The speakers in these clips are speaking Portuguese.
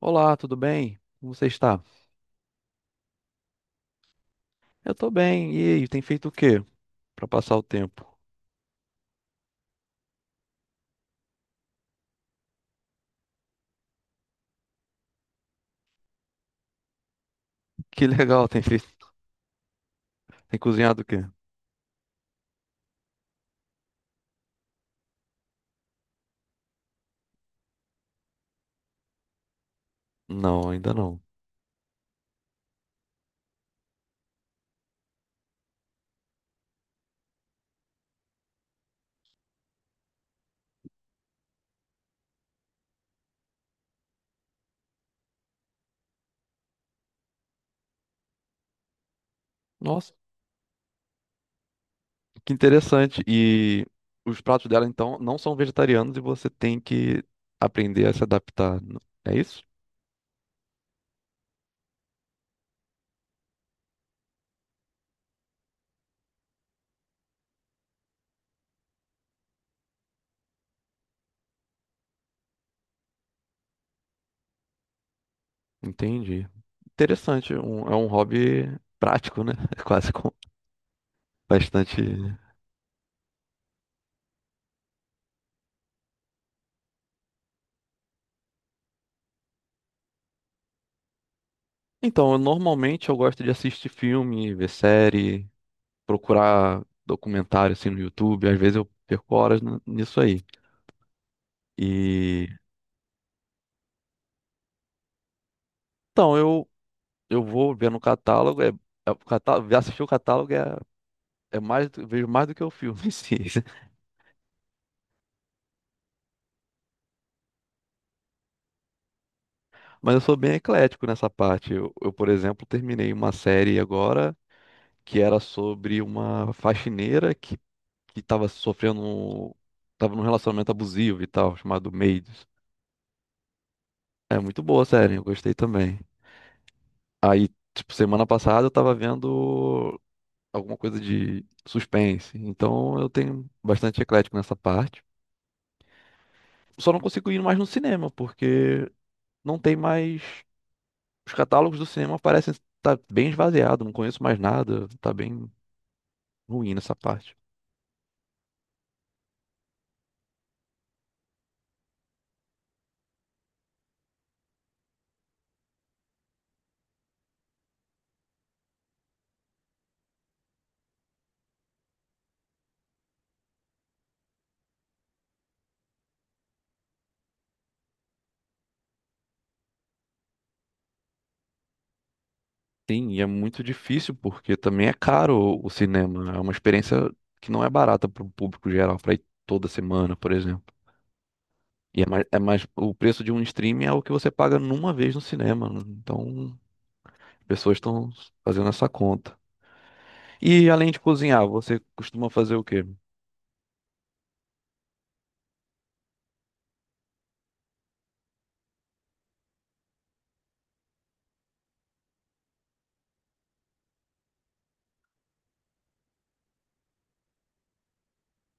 Olá, tudo bem? Como você está? Eu tô bem. E aí, tem feito o quê para passar o tempo? Que legal, tem feito, tem cozinhado o quê? Não, ainda não. Nossa, que interessante. E os pratos dela então não são vegetarianos e você tem que aprender a se adaptar. É isso? Entendi. Interessante. É um hobby prático, né? Quase com bastante. Então, normalmente eu gosto de assistir filme, ver série. Procurar documentário assim no YouTube, às vezes eu perco horas nisso aí. E então eu vou ver no catálogo, é o catálogo, assistir o catálogo é. Vejo mais do que o filme em si. Mas eu sou bem eclético nessa parte. Por exemplo, terminei uma série agora que era sobre uma faxineira que estava sofrendo, estava num relacionamento abusivo e tal, chamado Maids. É muito boa a série, eu gostei também. Aí, tipo, semana passada eu tava vendo alguma coisa de suspense. Então eu tenho bastante eclético nessa parte. Só não consigo ir mais no cinema, porque não tem mais. Os catálogos do cinema parecem estar bem esvaziados, não conheço mais nada, tá bem ruim nessa parte. Sim, e é muito difícil porque também é caro o cinema, é uma experiência que não é barata para o público geral, para ir toda semana, por exemplo. O preço de um streaming é o que você paga numa vez no cinema, né? Então as pessoas estão fazendo essa conta. E além de cozinhar, você costuma fazer o quê?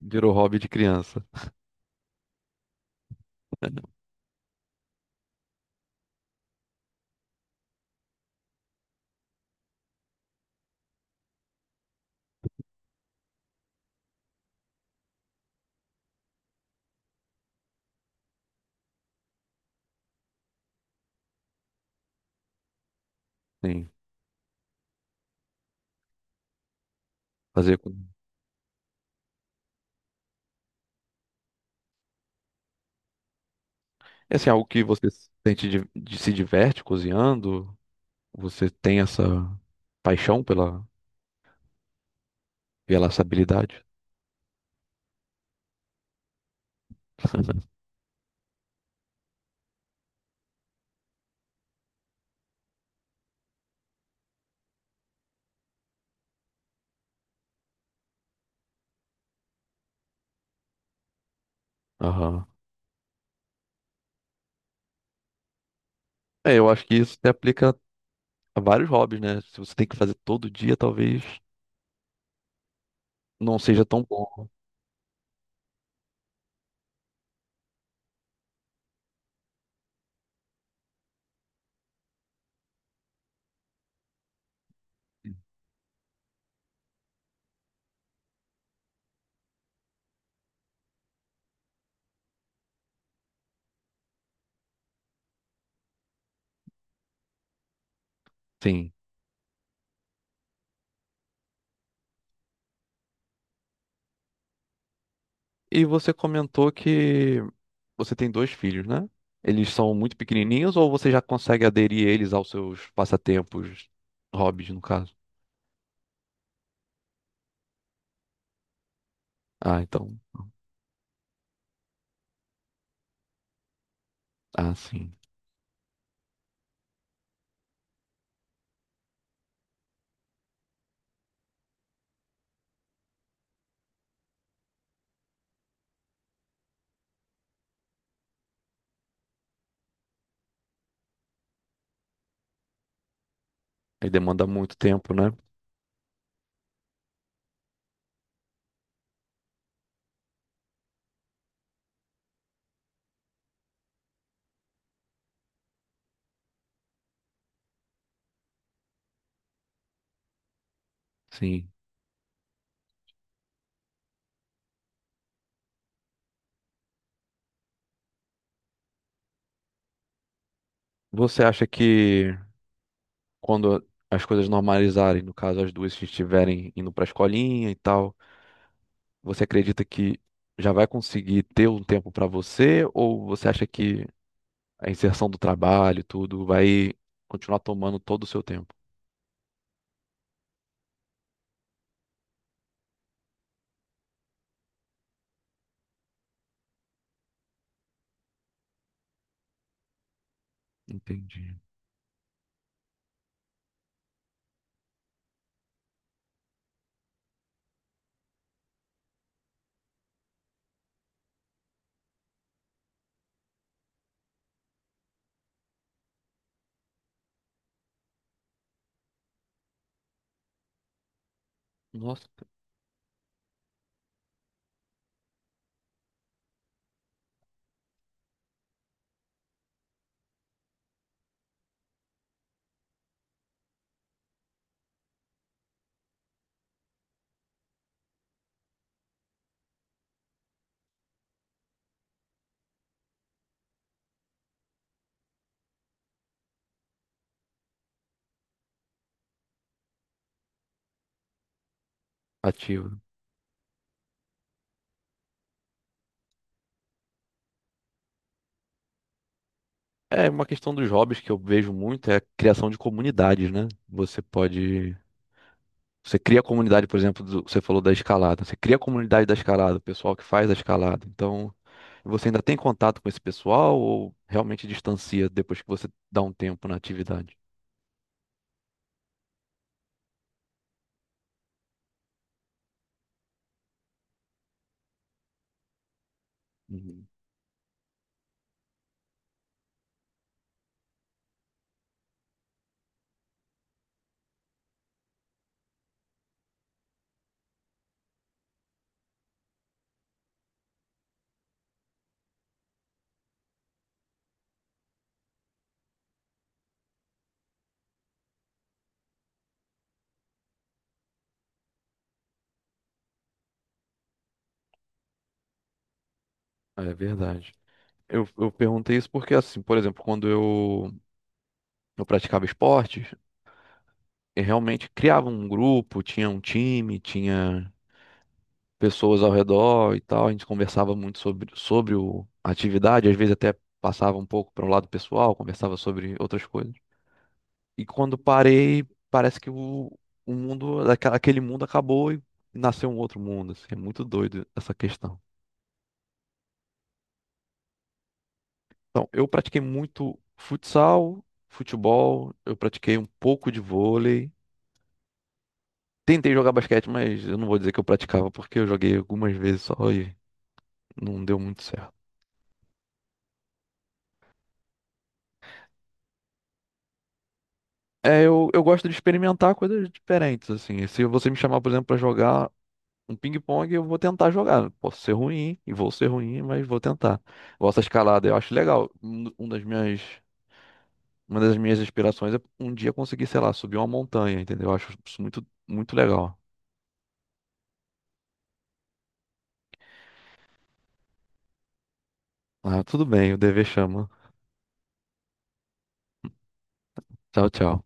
Virou hobby de criança. Sim, fazer. Com. É assim, algo que você se diverte cozinhando? Você tem essa paixão pela essa habilidade? Aham. É, eu acho que isso se aplica a vários hobbies, né? Se você tem que fazer todo dia, talvez não seja tão bom. Sim. E você comentou que você tem dois filhos, né? Eles são muito pequenininhos ou você já consegue aderir eles aos seus passatempos, hobbies, no caso? Ah, então. Ah, sim. Aí demanda muito tempo, né? Sim. Você acha que quando as coisas normalizarem, no caso as duas estiverem indo pra escolinha e tal, você acredita que já vai conseguir ter um tempo para você, ou você acha que a inserção do trabalho, tudo, vai continuar tomando todo o seu tempo? Entendi. Nossa, ativa. É uma questão dos hobbies que eu vejo muito é a criação de comunidades, né? Você pode. Você cria a comunidade, por exemplo, você falou da escalada. Você cria a comunidade da escalada, o pessoal que faz a escalada. Então, você ainda tem contato com esse pessoal ou realmente distancia depois que você dá um tempo na atividade? Uhum. É verdade. Eu perguntei isso porque, assim, por exemplo, eu praticava esportes, eu realmente criava um grupo, tinha um time, tinha pessoas ao redor e tal. A gente conversava muito sobre a atividade, às vezes até passava um pouco para o lado pessoal, conversava sobre outras coisas. E quando parei, parece que o mundo, aquele mundo acabou e nasceu um outro mundo. Assim, é muito doido essa questão. Então, eu pratiquei muito futsal, futebol, eu pratiquei um pouco de vôlei. Tentei jogar basquete, mas eu não vou dizer que eu praticava, porque eu joguei algumas vezes só e não deu muito certo. É, eu gosto de experimentar coisas diferentes, assim. Se você me chamar, por exemplo, pra jogar um ping-pong, eu vou tentar jogar. Posso ser ruim, e vou ser ruim, mas vou tentar. Gosto da escalada, eu acho legal. Uma das minhas aspirações é um dia conseguir, sei lá, subir uma montanha, entendeu? Eu acho isso muito, muito legal. Ah, tudo bem, o dever chama. Tchau, tchau.